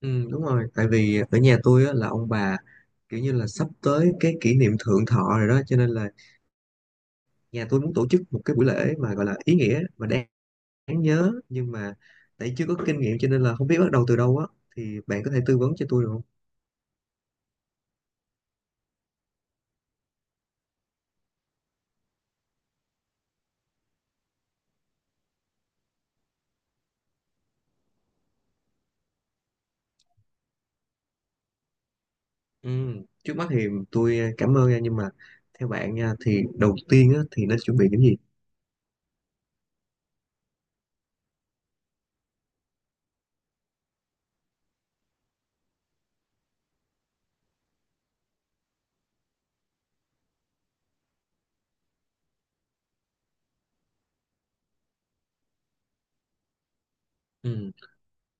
Ừ, đúng rồi, tại vì ở nhà tôi á, là ông bà kiểu như là sắp tới cái kỷ niệm thượng thọ rồi đó, cho nên là nhà tôi muốn tổ chức một cái buổi lễ mà gọi là ý nghĩa và đáng nhớ, nhưng mà tại chưa có kinh nghiệm cho nên là không biết bắt đầu từ đâu á, thì bạn có thể tư vấn cho tôi được không? Ừ, trước mắt thì tôi cảm ơn nha, nhưng mà theo bạn nha thì đầu tiên á, thì nên chuẩn bị những gì? Ừ.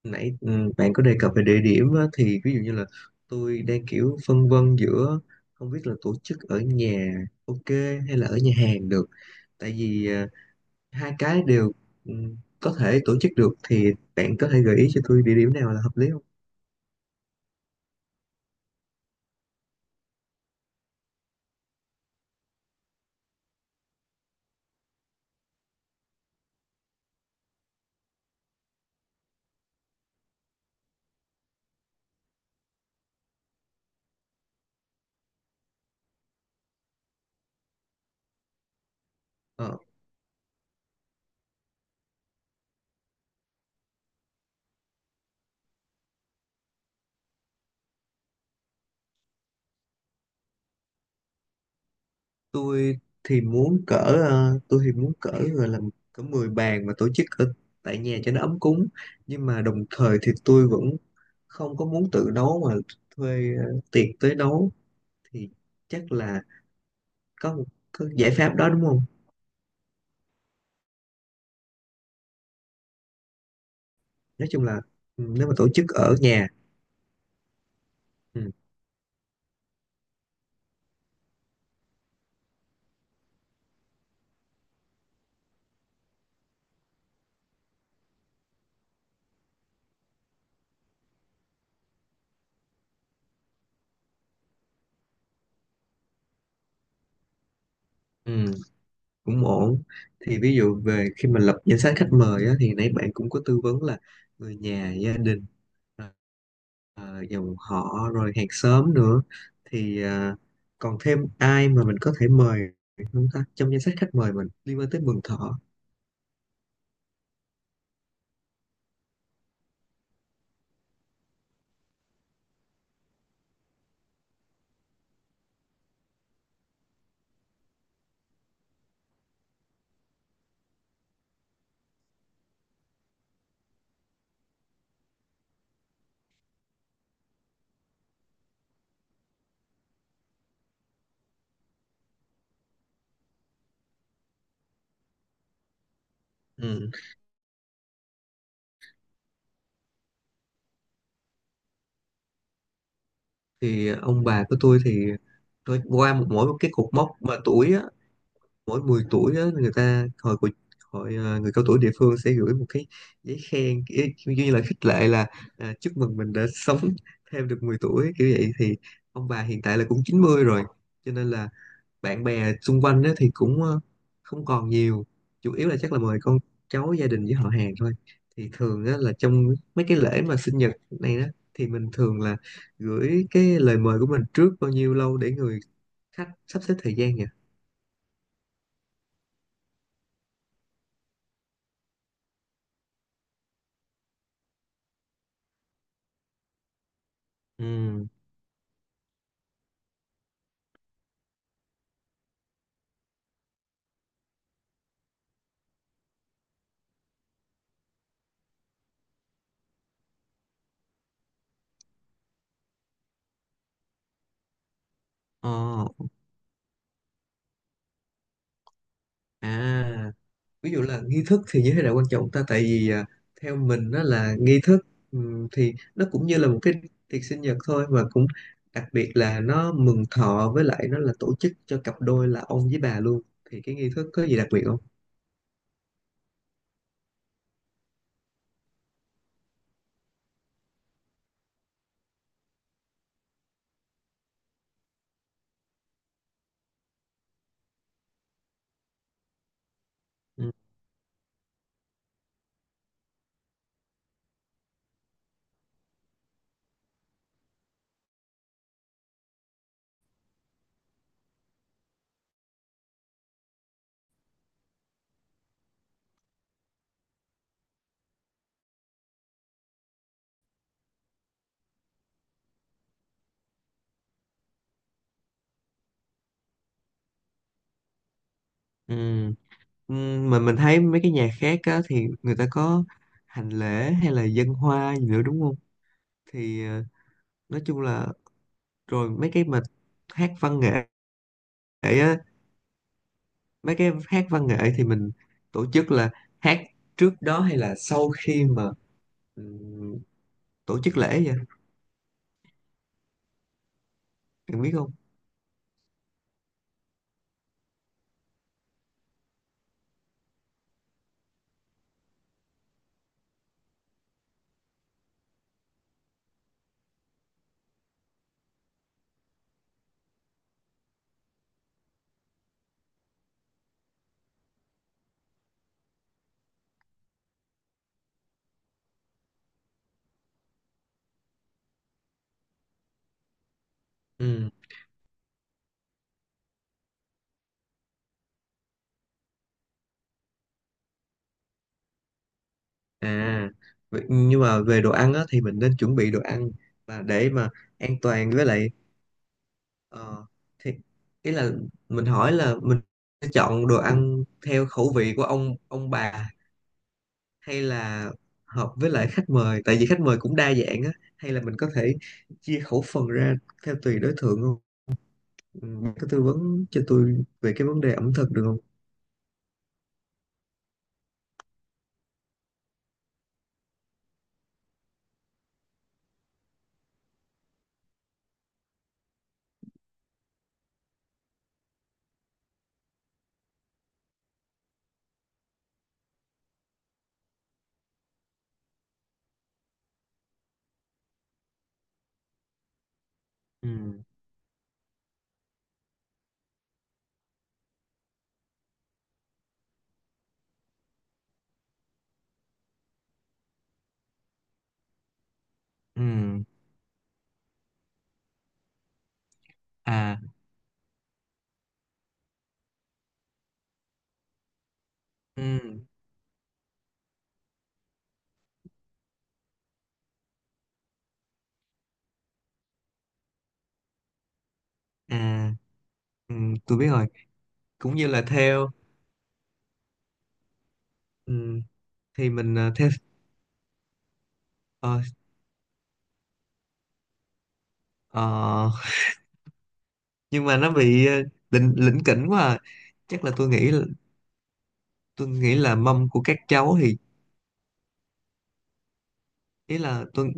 Nãy bạn có đề cập về địa điểm á, thì ví dụ như là tôi đang kiểu phân vân giữa không biết là tổ chức ở nhà, ok, hay là ở nhà hàng được, tại vì hai cái đều ừ, có thể tổ chức được, thì bạn có thể gợi ý cho tôi địa điểm nào là hợp lý không? Ờ, tôi thì muốn cỡ tôi thì muốn cỡ gọi là cỡ 10 bàn mà tổ chức ở tại nhà cho nó ấm cúng, nhưng mà đồng thời thì tôi vẫn không có muốn tự nấu mà thuê tiệc tới nấu, thì chắc là có một có giải pháp đó đúng không? Nói chung là nếu mà tổ chức ở nhà, ừ, ừ, cũng ổn. Thì ví dụ về khi mà lập danh sách khách mời á, thì nãy bạn cũng có tư vấn là người nhà gia đình, ờ, dòng họ rồi hàng xóm nữa, thì còn thêm ai mà mình có thể mời không ta, trong danh sách khách mời mình liên quan tới Mừng Thọ? Ừ. Thì ông bà của tôi thì tôi qua mỗi một cái cột mốc mà tuổi á, mỗi 10 tuổi á, người ta hội à, người cao tuổi địa phương sẽ gửi một cái giấy khen kiểu kiểu như là khích lệ là, à, chúc mừng mình đã sống thêm được 10 tuổi kiểu vậy. Thì ông bà hiện tại là cũng 90 rồi, cho nên là bạn bè xung quanh á, thì cũng không còn nhiều, chủ yếu là chắc là mời con cháu gia đình với họ hàng thôi. Thì thường á, là trong mấy cái lễ mà sinh nhật này đó, thì mình thường là gửi cái lời mời của mình trước bao nhiêu lâu để người khách sắp xếp thời gian nhỉ? Ừ. Ờ. À, ví dụ là nghi thức thì như thế nào quan trọng ta? Tại vì à, theo mình nó là nghi thức, thì nó cũng như là một cái tiệc sinh nhật thôi, mà cũng đặc biệt là nó mừng thọ, với lại nó là tổ chức cho cặp đôi là ông với bà luôn. Thì cái nghi thức có gì đặc biệt không? Ừ. Ừ. Ừ, mà mình thấy mấy cái nhà khác á, thì người ta có hành lễ hay là dân hoa gì nữa đúng không? Thì nói chung là, rồi mấy cái mà hát văn nghệ á. Mấy cái hát văn nghệ thì mình tổ chức là hát trước đó hay là sau khi mà ừm, tổ chức lễ vậy, em biết không? Ừ, à, nhưng mà về đồ ăn á thì mình nên chuẩn bị đồ ăn và để mà an toàn với lại, ờ, thì ý là mình hỏi là mình sẽ chọn đồ ăn theo khẩu vị của ông bà, hay là hợp với lại khách mời, tại vì khách mời cũng đa dạng á, hay là mình có thể chia khẩu phần ra theo tùy đối tượng không? Ừ, bạn có tư vấn cho tôi về cái vấn đề ẩm thực được không? Ừ. Ừ. À. Ừ. À. Ừ. Tôi biết rồi. Cũng như là theo. Ừ. Thì mình theo ờ, ờ, nhưng mà nó bị lỉnh lỉnh kỉnh quá à. Chắc là tôi nghĩ là mâm của các cháu thì, ý là tôi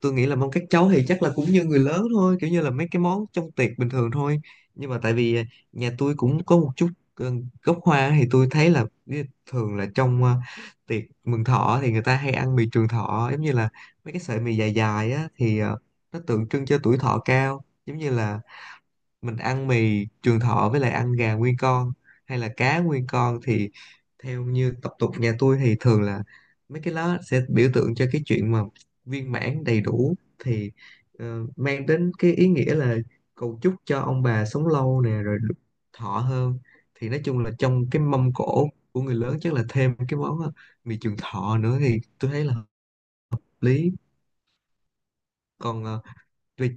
tôi nghĩ là mong các cháu thì chắc là cũng như người lớn thôi, kiểu như là mấy cái món trong tiệc bình thường thôi. Nhưng mà tại vì à, nhà tôi cũng có một chút ờ, gốc Hoa, thì tôi thấy là thường là trong tiệc mừng thọ thì người ta hay ăn mì trường thọ, giống như là mấy cái sợi mì dài dài á, thì nó tượng trưng cho tuổi thọ cao. Giống như là mình ăn mì trường thọ với lại ăn gà nguyên con hay là cá nguyên con, thì theo như tập tục nhà tôi thì thường là mấy cái lá sẽ biểu tượng cho cái chuyện mà viên mãn đầy đủ, thì mang đến cái ý nghĩa là cầu chúc cho ông bà sống lâu nè, rồi được thọ hơn. Thì nói chung là trong cái mâm cỗ của người lớn chắc là thêm cái món mì trường thọ nữa, thì tôi thấy là hợp lý. Còn về.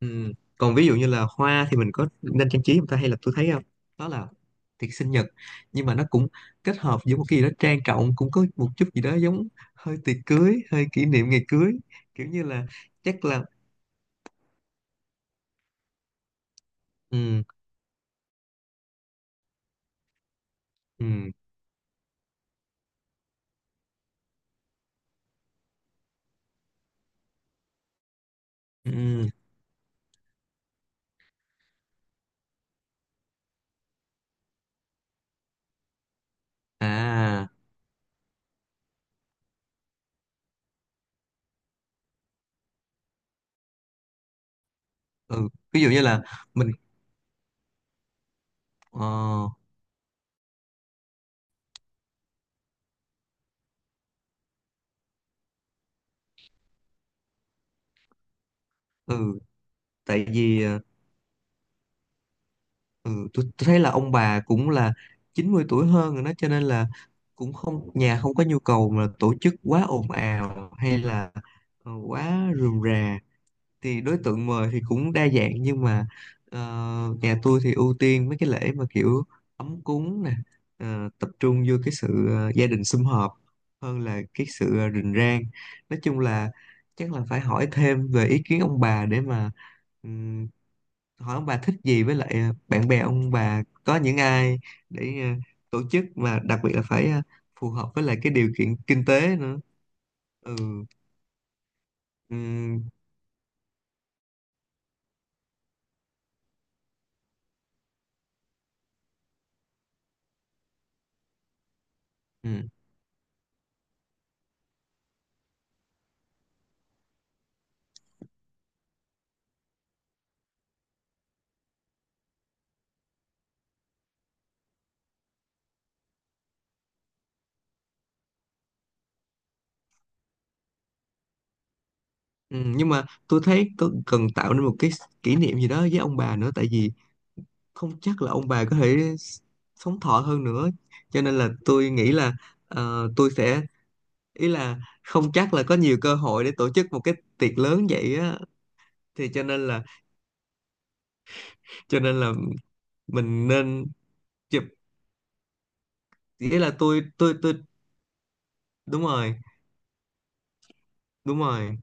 Ừ. Còn ví dụ như là hoa thì mình có nên trang trí không ta, hay là tôi thấy không đó là tiệc sinh nhật, nhưng mà nó cũng kết hợp với một cái gì đó trang trọng, cũng có một chút gì đó giống hơi tiệc cưới, hơi kỷ niệm ngày cưới kiểu như là chắc là, ừ, ừ, ừ, à, ừ, ví dụ như là mình ờ ừ, tại vì Ừ, tôi thấy là ông bà cũng là 90 tuổi hơn rồi đó, cho nên là cũng không, nhà không có nhu cầu mà tổ chức quá ồn ào hay là quá rườm rà. Thì đối tượng mời thì cũng đa dạng, nhưng mà ờ, nhà tôi thì ưu tiên mấy cái lễ mà kiểu ấm cúng nè, tập trung vô cái sự gia đình sum họp hơn là cái sự rình rang. Nói chung là chắc là phải hỏi thêm về ý kiến ông bà, để mà hỏi ông bà thích gì với lại, bạn bè ông bà có những ai để tổ chức, mà đặc biệt là phải phù hợp với lại cái điều kiện kinh tế nữa. Ừ. Ừm. Ừm. Ừm, nhưng mà tôi thấy có cần tạo nên một cái kỷ niệm gì đó với ông bà nữa, tại vì không chắc là ông bà có thể sống thọ hơn nữa, cho nên là tôi nghĩ là, ờ, tôi sẽ ý là không chắc là có nhiều cơ hội để tổ chức một cái tiệc lớn vậy á, thì cho nên là, cho nên là mình nên chụp. Nghĩa là tôi đúng rồi. Đúng rồi.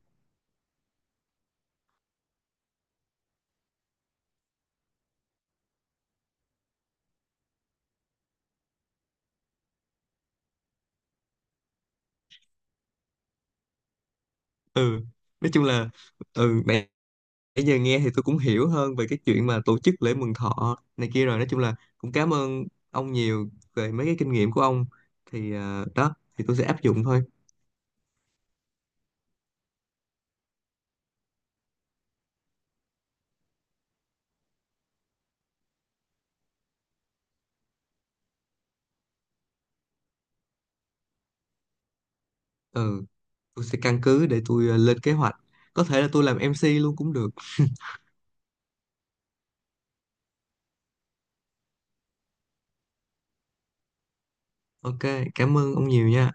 Ừ, nói chung là, ừ, nãy nãy giờ nghe thì tôi cũng hiểu hơn về cái chuyện mà tổ chức lễ mừng thọ này kia rồi. Nói chung là cũng cảm ơn ông nhiều về mấy cái kinh nghiệm của ông, thì đó thì tôi sẽ áp dụng thôi. Ừ, tôi sẽ căn cứ để tôi lên kế hoạch. Có thể là tôi làm MC luôn cũng được. Ok, cảm ơn ông nhiều nha.